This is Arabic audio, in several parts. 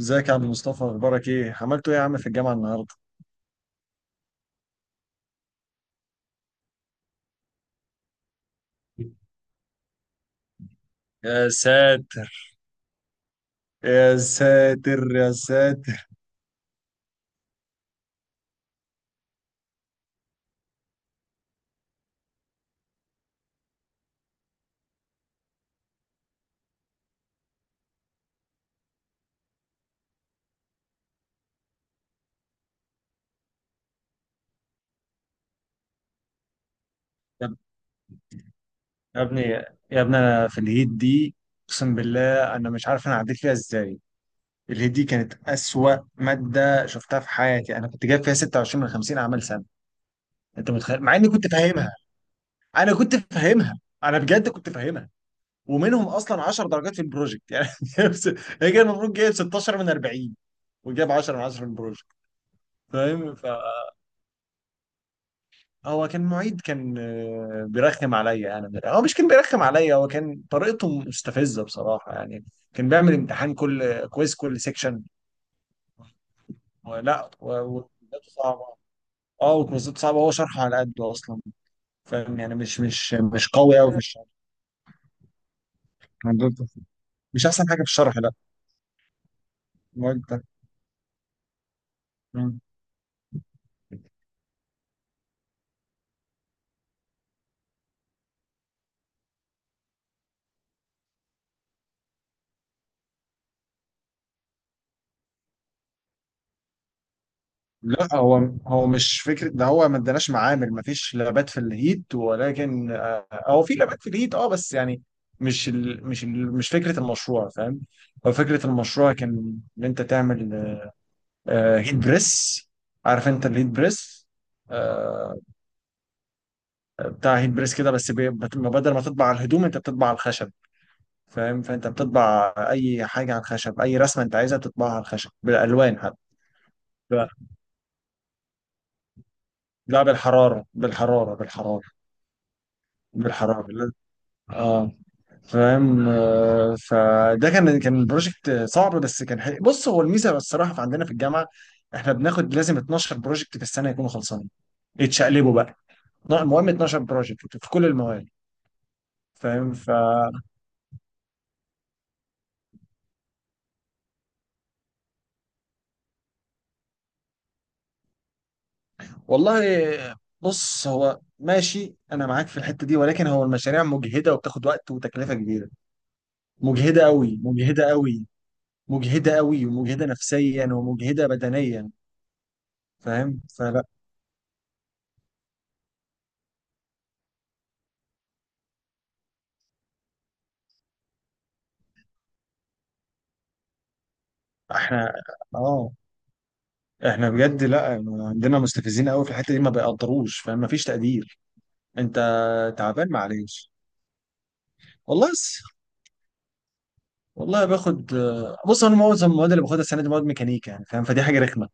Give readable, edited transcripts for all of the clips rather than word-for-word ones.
ازيك يا عم مصطفى؟ اخبارك ايه؟ عملتوا ايه يا عم في الجامعه النهارده؟ يا ساتر يا ساتر يا ساتر. يا يا ابني يا ابني، انا في الهيت دي. اقسم بالله انا مش عارف انا عديت فيها ازاي. الهيت دي كانت اسوأ ماده شفتها في حياتي. انا كنت جايب فيها 26 من 50 اعمال سنه. انت متخيل؟ مع اني كنت فاهمها. انا كنت فاهمها انا بجد كنت فاهمها. ومنهم اصلا 10 درجات في البروجكت يعني هي كان المفروض جايب 16 من 40، وجاب 10 من 10 في البروجكت. فاهم؟ هو كان معيد كان بيرخم عليا انا من الآخر. هو مش كان بيرخم عليا، هو كان طريقته مستفزه بصراحه يعني. كان بيعمل امتحان كل كويز كل سيكشن. لا، وكويزاته صعبه. اه وكويزاته صعبه، هو شرحه على قده اصلا. فاهم يعني مش قوي قوي في الشرح. مش احسن حاجه في الشرح، لا. المواد ده. لا، هو مش فكره ده. هو ما اداناش معامل، ما فيش لابات في الهيت ولكن هو في لابات في الهيت اه بس يعني مش فكره المشروع، فاهم؟ هو فكره المشروع كان ان انت تعمل هيت بريس. عارف انت الهيت بريس؟ آه، بتاع هيت بريس كده، بس بدل ما تطبع على الهدوم انت بتطبع على الخشب. فاهم؟ فانت بتطبع اي حاجه على الخشب، اي رسمه انت عايزها بتطبعها على الخشب بالالوان حتى. لا بالحراره بالحراره بالحراره. بالحراره اه. فاهم؟ فده كان بروجكت صعب بس كان حلو. بص، هو الميزه الصراحه في عندنا في الجامعه، احنا بناخد لازم 12 بروجكت في السنه يكونوا خلصانين. يتشقلبوا بقى. لا، المهم 12 بروجكت في كل المواد. فاهم والله بص، هو ماشي، انا معاك في الحته دي، ولكن هو المشاريع مجهده وبتاخد وقت وتكلفه كبيره. مجهده قوي مجهده قوي. مجهده قوي ومجهده نفسيا ومجهده بدنيا. فاهم؟ فلا، احنا اه احنا بجد لا، عندنا مستفزين قوي في الحته دي، ما بيقدروش، فاهم؟ ما فيش تقدير. انت تعبان، معلش. والله س... والله باخد. بص انا معظم المواد اللي باخدها السنه دي مواد ميكانيكا يعني، فاهم؟ فدي حاجه رخمه.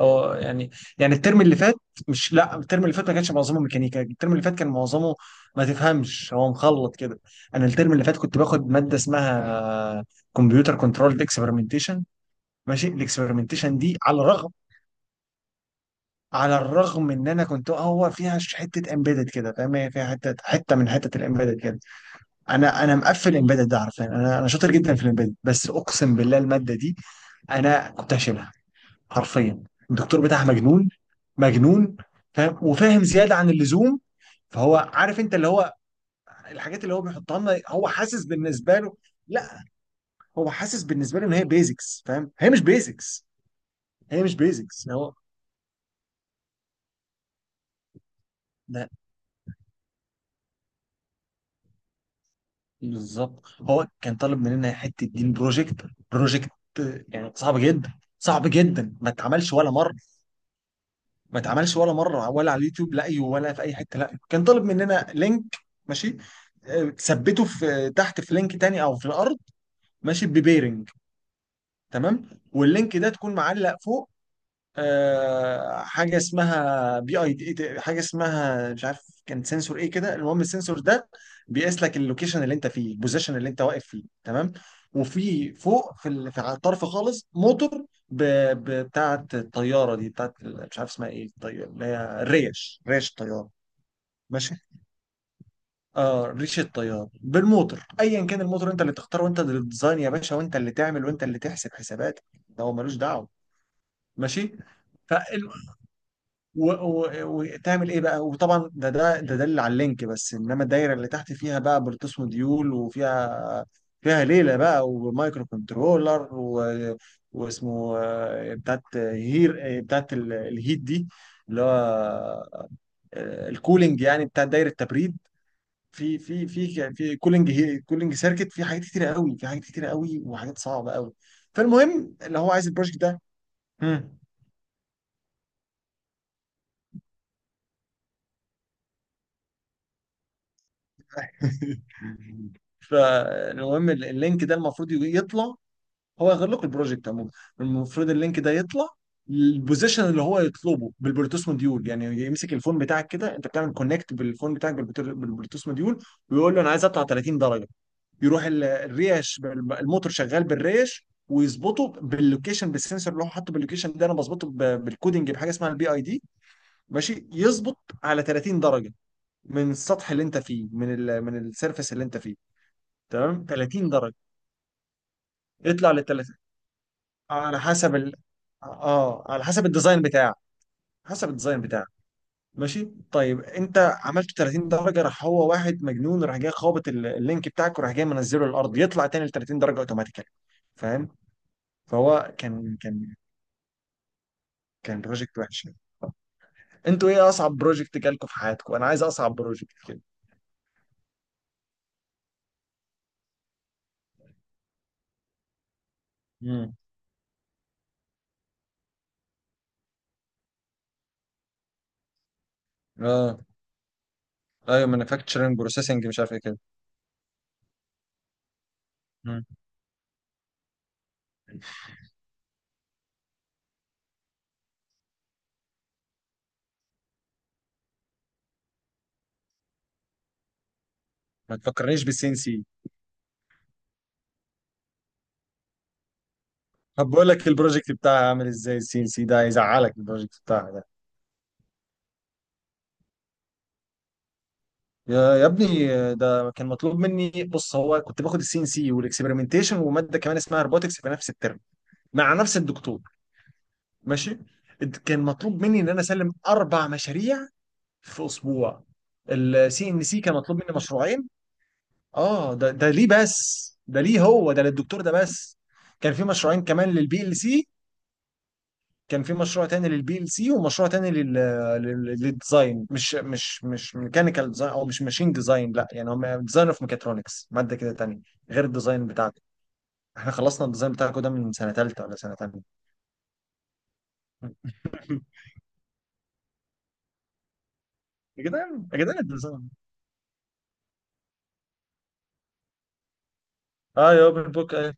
اه يعني الترم اللي فات، مش، لا، الترم اللي فات ما كانش معظمه ميكانيكا. الترم اللي فات كان معظمه، ما تفهمش، هو مخلط كده. انا الترم اللي فات كنت باخد ماده اسمها كمبيوتر كنترول اكسبيرمنتيشن. ماشي. الاكسبيرمنتيشن دي على الرغم، على الرغم ان انا كنت، هو فيها حته امبيدد كده، فاهم؟ هي فيها حته حته من حته الامبيدد كده. انا مقفل امبيدد ده، عارفين؟ انا شاطر جدا في الامبيدد، بس اقسم بالله الماده دي انا كنت هشيلها حرفيا. الدكتور بتاعها مجنون مجنون. فاهم؟ وفاهم زياده عن اللزوم. فهو عارف انت اللي هو، الحاجات اللي هو بيحطها لنا، هو حاسس بالنسبه له، لا، هو حاسس بالنسبه له ان هي بيزكس، فاهم؟ هي مش بيزكس. هي مش بيزكس هو. بالظبط، هو كان طالب مننا حته دين بروجكت. بروجكت يعني صعب جدا. صعب جدا، ما اتعملش ولا مره. ما اتعملش ولا مره ولا على اليوتيوب، لا أيوه ولا في اي حته. لا كان طالب مننا لينك، ماشي، تثبته في تحت في لينك تاني او في الارض، ماشي، ببيرنج. تمام. واللينك ده تكون معلق فوق، حاجه اسمها بي اي دي، حاجه اسمها مش عارف، كان سنسور ايه كده. المهم السنسور ده بيقيس لك اللوكيشن اللي انت فيه، البوزيشن اللي انت واقف فيه، تمام؟ وفي فوق في في على الطرف خالص موتور بتاعه الطياره دي، بتاعه مش عارف اسمها ايه، الطياره، اللي هي الريش، ريش الطياره، ماشي. اه ريش الطيار بالموتور، ايا كان الموتور، انت اللي تختار، وانت اللي تديزاين يا باشا، وانت اللي تعمل، وانت اللي تحسب حسابات. ده هو ملوش دعوه. ماشي. و- و- وتعمل ايه بقى. وطبعا ده دليل على اللينك بس، انما الدايره اللي تحت فيها بقى بلوتوث موديول، وفيها، فيها ليله بقى ومايكرو كنترولر واسمه بتاعت هير، بتاعت الهيت دي، اللي هو الكولينج يعني، بتاع دايره تبريد. في في في في كولينج، كولينج سيركت، في حاجات كتيره قوي، في حاجات كتيره قوي وحاجات صعبه قوي. فالمهم اللي هو عايز البروجكت ده. مم. فالمهم اللينك ده المفروض يطلع، هو يغير لكم البروجكت عموما. المفروض اللينك ده يطلع البوزيشن اللي هو يطلبه بالبلوتوث موديول. يعني يمسك الفون بتاعك كده، انت بتعمل كونكت بالفون بتاعك بالبلوتوث موديول، ويقول له انا عايز اطلع 30 درجه. يروح الريش الموتور شغال بالريش، ويظبطه باللوكيشن، بالسنسور اللي هو حاطه باللوكيشن ده. انا بظبطه بالكودنج بحاجه اسمها البي اي دي. ماشي؟ يظبط على 30 درجه من السطح اللي انت فيه، من ال من السيرفيس اللي انت فيه، تمام؟ 30 درجه. يطلع لل 30 على حسب اه على حسب الديزاين بتاعك. حسب الديزاين بتاعك. ماشي. طيب انت عملت 30 درجه، راح هو واحد مجنون راح جاي خابط اللينك بتاعك، وراح جاي منزله الارض، يطلع تاني ل 30 درجه اوتوماتيكالي. فاهم؟ فهو كان كان بروجكت وحش يعني. انتوا ايه اصعب بروجكت جالكوا في حياتكم؟ انا عايز اصعب بروجكت كده. امم اه ايوه، مانيفاكتشرنج بروسيسنج مش عارف ايه كده. مم. ما تفكرنيش بالسي ان سي. طب بقول لك البروجكت بتاعها عامل ازاي؟ السي ال سي ده هيزعلك البروجكت بتاعها ده. يا ابني، ده كان مطلوب مني. بص هو كنت باخد السي ان سي والاكسبيرمنتيشن وماده كمان اسمها روبوتكس في نفس الترم، مع نفس الدكتور، ماشي؟ كان مطلوب مني ان انا اسلم اربع مشاريع في اسبوع. السي ان سي كان مطلوب مني مشروعين. اه ده ليه بس؟ ده ليه؟ هو ده للدكتور ده بس. كان في مشروعين كمان للبي ال سي. كان في مشروع تاني للبي ال سي، ومشروع تاني لل للديزاين، مش ميكانيكال ديزاين او مش ماشين ديزاين، لا، يعني هم ديزاين اوف ميكاترونكس، ماده كده تانية غير الديزاين بتاعكم. احنا خلصنا الديزاين بتاعكم ده من سنه ثالثه ولا سنه ثانيه. يا جدعان يا جدعان الديزاين. اه يا اوبن بوك ايه.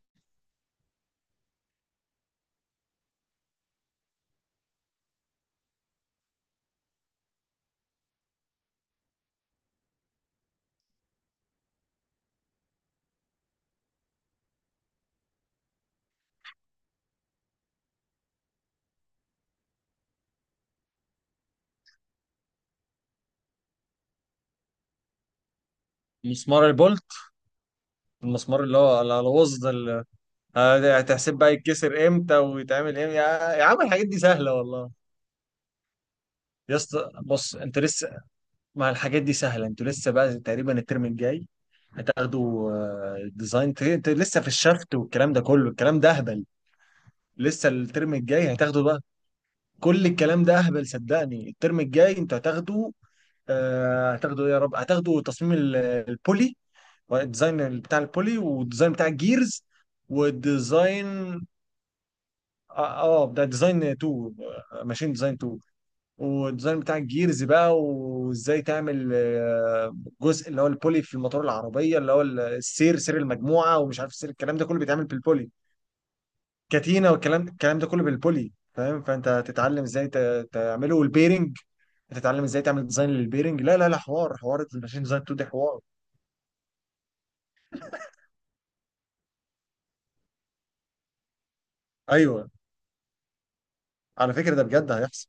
مسمار البولت. المسمار اللي هو الوز ده اللي، هتحسب بقى يتكسر امتى ويتعمل امتى. يا عم الحاجات دي سهله والله. يا اسطى بص، انت لسه مع الحاجات دي سهلة؟ انتوا لسه بقى تقريبا الترم الجاي هتاخدوا ديزاين انتوا لسه في الشفت والكلام ده كله. الكلام ده اهبل. لسه الترم الجاي هتاخدوا بقى. كل الكلام ده اهبل، صدقني. الترم الجاي انتوا هتاخدوا هتاخدوا إيه يا رب، هتاخدوا تصميم البولي، والديزاين بتاع البولي، والديزاين بتاع الجيرز، والديزاين اه، ده ديزاين 2، ماشين ديزاين 2. والديزاين بتاع الجيرز بقى، وازاي تعمل جزء اللي هو البولي في الموتور العربيه، اللي هو السير، سير المجموعه ومش عارف السير، الكلام ده كله بيتعمل بالبولي. كاتينا، والكلام الكلام ده كله بالبولي، فاهم؟ فانت هتتعلم ازاي تعمله، والبيرنج هتتعلم ازاي تعمل ديزاين للبيرنج. لا لا لا، حوار حوار الماشين ديزاين 2 دي حوار. ايوه على فكره ده بجد هيحصل.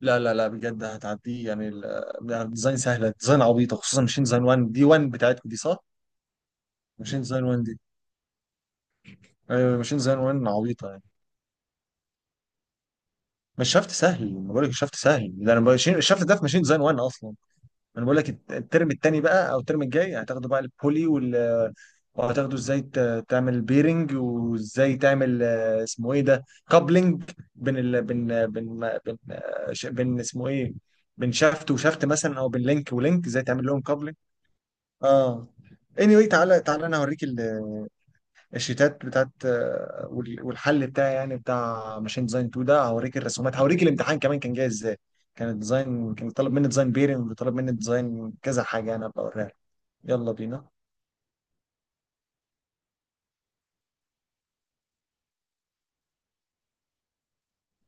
لا لا لا، بجد هتعديه يعني لا، الديزاين سهله، الديزاين عبيطه، خصوصا ماشين ديزاين 1 دي، 1 بتاعتكم دي صح؟ ماشين ديزاين 1 دي. ايوه، ماشين ديزاين 1 عبيطه. مش شفت سهل، ما بقول لك شفت سهل ده انا بقول الشفت ده في ماشين ديزاين 1 اصلا. انا بقول لك الترم الثاني بقى او الترم الجاي هتاخدوا بقى البولي وال، وهتاخدوا ازاي تعمل بيرنج، وازاي تعمل اسمه ايه ده، كابلنج بين بين بين اسمه ايه، بين شافت وشافت مثلا، او بين لينك ولينك، ازاي تعمل لهم كابلنج. اه anyway، تعالى تعالى انا هوريك الشيتات بتاعت والحل بتاعي يعني، بتاع ماشين ديزاين 2 ده، هوريك الرسومات، هوريك الامتحان كمان كان جاي ازاي. كان الديزاين كان طالب مني ديزاين بيرنج، وطالب مني ديزاين كذا حاجه، انا ابقى اوريها لك. يلا بينا.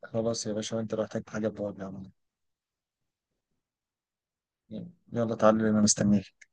خلاص يا باشا، انت لو احتجت حاجه بقول لي. يلا تعالى انا مستنيك.